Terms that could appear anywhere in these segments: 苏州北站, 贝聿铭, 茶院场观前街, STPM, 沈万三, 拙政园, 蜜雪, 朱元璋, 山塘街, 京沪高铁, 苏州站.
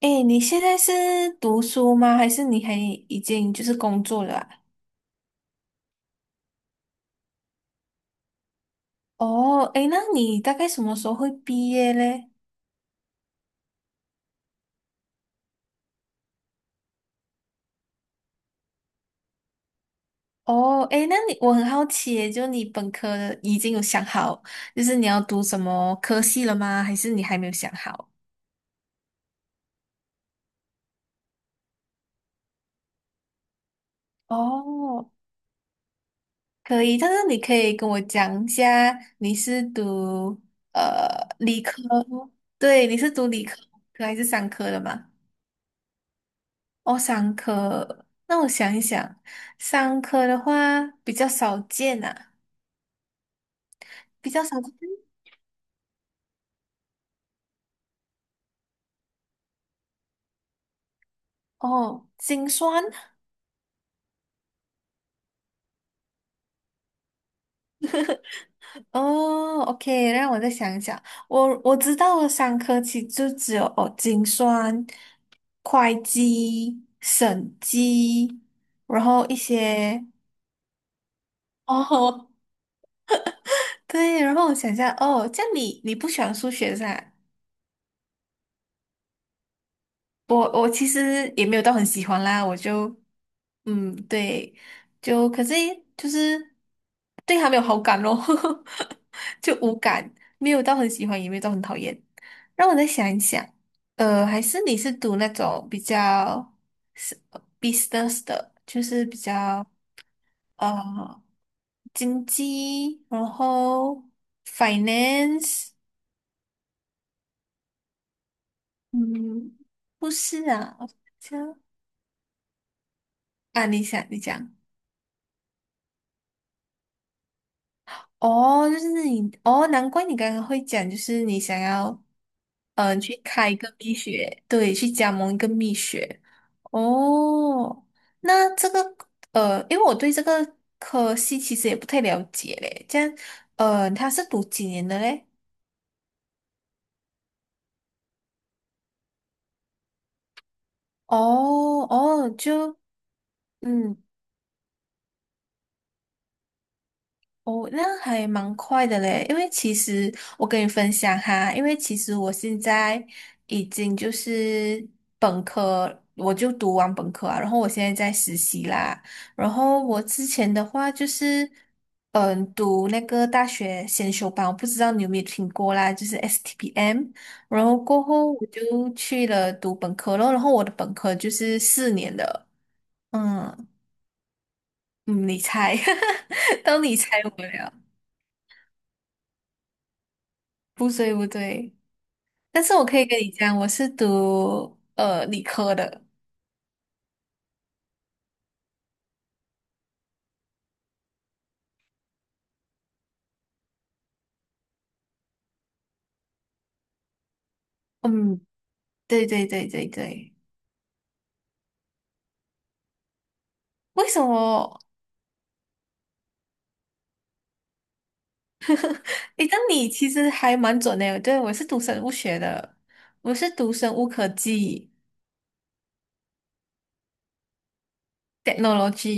诶，你现在是读书吗？还是你还已经就是工作了啊。哦，诶，那你大概什么时候会毕业嘞？哦，诶，那你我很好奇耶，就你本科的已经有想好，就是你要读什么科系了吗？还是你还没有想好？哦，可以，但是你可以跟我讲一下，你是读呃理科，对，你是读理科还是商科的吗？哦，三科，那我想一想，三科的话比较少见啊，比较少见。哦，精酸，哦，OK，让我再想一想，我知道的三科其实就只有哦，精算、会计、审计，然后一些哦，对，然后我想一下，哦，这样你不喜欢数学是吧？我其实也没有到很喜欢啦，我就嗯对，就可是就是对他没有好感咯，就无感，没有到很喜欢，也没有到很讨厌。让我再想一想，还是你是读那种比较是 business 的，就是比较呃经济，然后 finance，嗯，不是啊，我想啊，你想你讲。哦，就是你哦，难怪你刚刚会讲，就是你想要去开一个蜜雪，对，去加盟一个蜜雪。哦，那这个因为我对这个科系其实也不太了解嘞，这样他是读几年的嘞？哦哦，就嗯，哦，那还蛮快的嘞，因为其实我跟你分享哈，因为其实我现在已经就是本科，我就读完本科啊，然后我现在在实习啦，然后我之前的话就是，嗯，读那个大学先修班，我不知道你有没有听过啦，就是 STPM，然后过后我就去了读本科咯，然后我的本科就是4年的，嗯嗯，你猜，当你猜我了，不对不对。但是我可以跟你讲，我是读理科的。嗯，对对对对对。为什么？诶，但你其实还蛮准的。对，我是读生物学的，我是读生物科技 （technology）。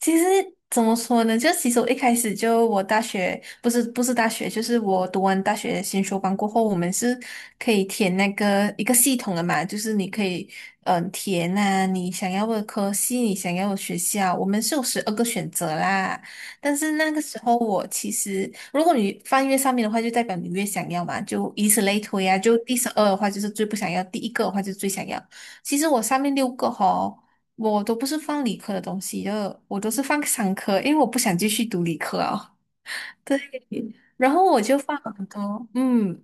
其实怎么说呢？就其实我一开始就我大学不是大学，就是我读完大学先修班过后，我们是可以填那个一个系统的嘛，就是你可以填啊你想要的科系，你想要的学校，我们是有12个选择啦。但是那个时候我其实，如果你翻越上面的话，就代表你越想要嘛，就以此类推啊。就第12的话就是最不想要，第一个的话就是最想要。其实我上面六个哈。我都不是放理科的东西的，就我都是放商科，因为我不想继续读理科啊。对，然后我就放了很多，嗯，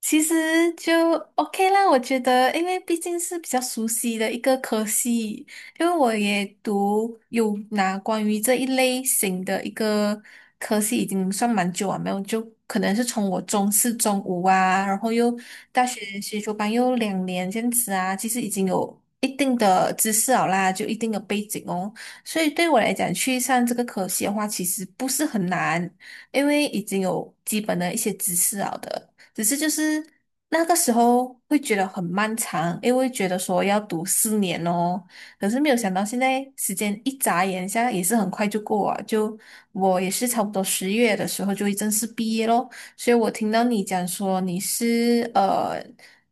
其实就 OK 啦，我觉得，因为毕竟是比较熟悉的一个科系，因为我也读有拿关于这一类型的一个科系，已经算蛮久啊，没有，就可能是从我中四、中五啊，然后又大学学修班又2年这样子啊，其实已经有一定的知识了啦，就一定的背景哦，所以对我来讲，去上这个科系的话，其实不是很难，因为已经有基本的一些知识了的。只是就是那个时候会觉得很漫长，因为觉得说要读四年哦，可是没有想到现在时间一眨眼，现在也是很快就过啊，就我也是差不多10月的时候就正式毕业咯，所以我听到你讲说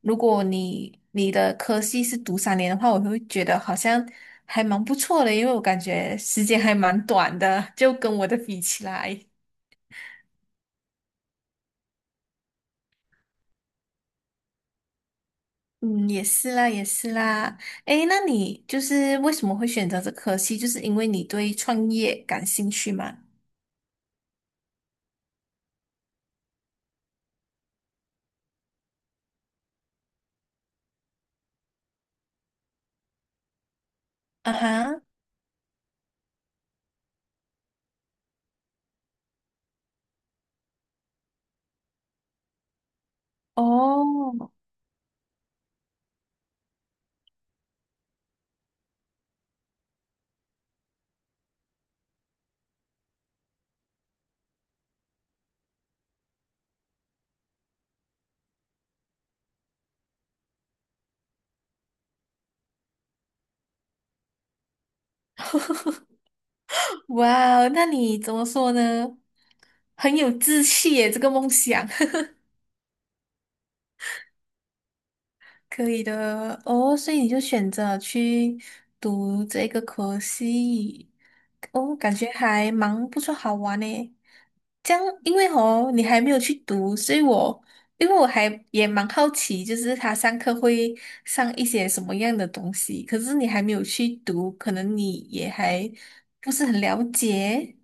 如果你的科系是读3年的话，我会觉得好像还蛮不错的，因为我感觉时间还蛮短的，就跟我的比起来。嗯，也是啦，也是啦。诶，那你就是为什么会选择这科系？就是因为你对创业感兴趣吗？啊哈，哦，哇哦，那你怎么说呢？很有志气耶，这个梦想。可以的哦，所以你就选择去读这个科系，哦，感觉还蛮不错，好玩呢。这样，因为哦，你还没有去读，所以我因为我还也蛮好奇，就是他上课会上一些什么样的东西，可是你还没有去读，可能你也还不是很了解。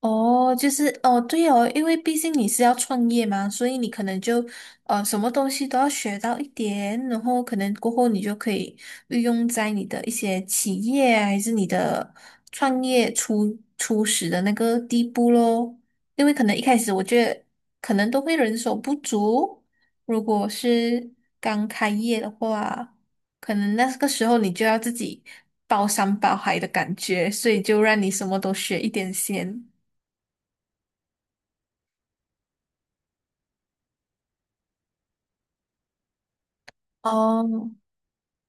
哦，就是哦，对哦，因为毕竟你是要创业嘛，所以你可能就什么东西都要学到一点，然后可能过后你就可以运用在你的一些企业啊还是你的创业初始的那个地步咯。因为可能一开始我觉得可能都会人手不足，如果是刚开业的话，可能那个时候你就要自己包山包海的感觉，所以就让你什么都学一点先。哦，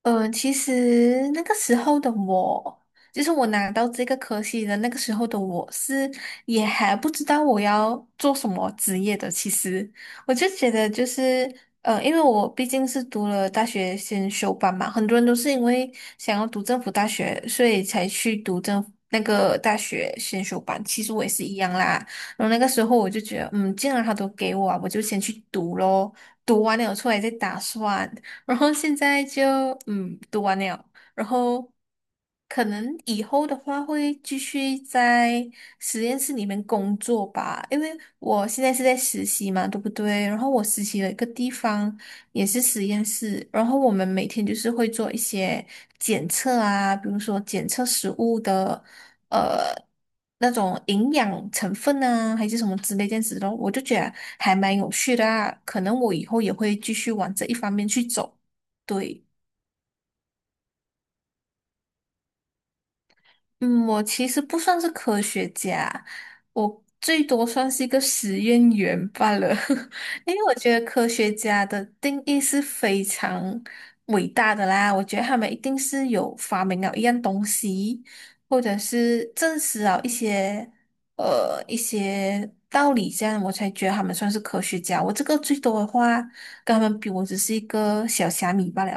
其实那个时候的我，就是我拿到这个科系的那个时候的我是也还不知道我要做什么职业的。其实我就觉得就是，因为我毕竟是读了大学先修班嘛，很多人都是因为想要读政府大学，所以才去读政府那个大学先修班。其实我也是一样啦。然后那个时候我就觉得，嗯，既然他都给我啊我就先去读咯。读完了出来再打算。然后现在就嗯读完了，然后可能以后的话会继续在实验室里面工作吧，因为我现在是在实习嘛，对不对？然后我实习的一个地方也是实验室，然后我们每天就是会做一些检测啊，比如说检测食物的呃那种营养成分啊，还是什么之类这样子的，我就觉得还蛮有趣的啊，可能我以后也会继续往这一方面去走，对。嗯，我其实不算是科学家，我最多算是一个实验员罢了。因为我觉得科学家的定义是非常伟大的啦，我觉得他们一定是有发明了一样东西，或者是证实了一些一些道理，这样我才觉得他们算是科学家。我这个最多的话，跟他们比，我只是一个小虾米罢了。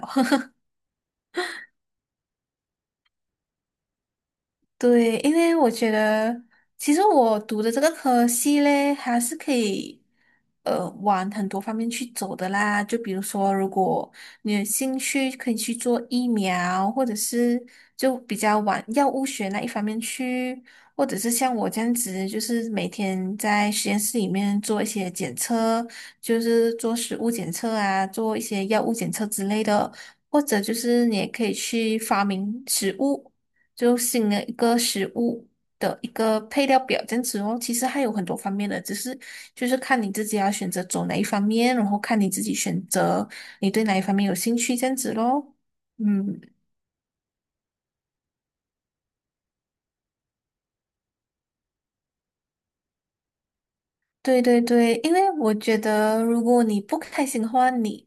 对，因为我觉得，其实我读的这个科系嘞，还是可以，往很多方面去走的啦。就比如说，如果你有兴趣，可以去做疫苗，或者是就比较往药物学那一方面去，或者是像我这样子，就是每天在实验室里面做一些检测，就是做食物检测啊，做一些药物检测之类的。或者就是你也可以去发明食物，就新的一个食物的一个配料表这样子哦。其实还有很多方面的，只是就是看你自己要选择走哪一方面，然后看你自己选择你对哪一方面有兴趣这样子咯。嗯。对对对，因为我觉得，如果你不开心的话，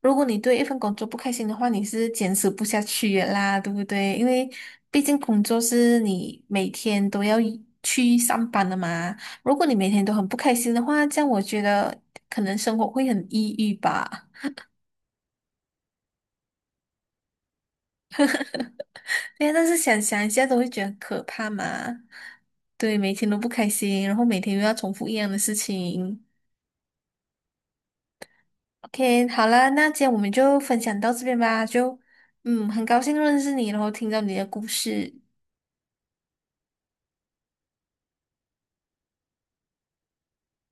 如果你对一份工作不开心的话，你是坚持不下去的啦，对不对？因为毕竟工作是你每天都要一去上班的嘛。如果你每天都很不开心的话，这样我觉得可能生活会很抑郁吧。对呀，但是想想一下都会觉得很可怕嘛。对，每天都不开心，然后每天又要重复一样的事情。OK，好了，那今天我们就分享到这边吧。就，嗯，很高兴认识你，然后听到你的故事。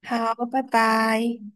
好，拜拜。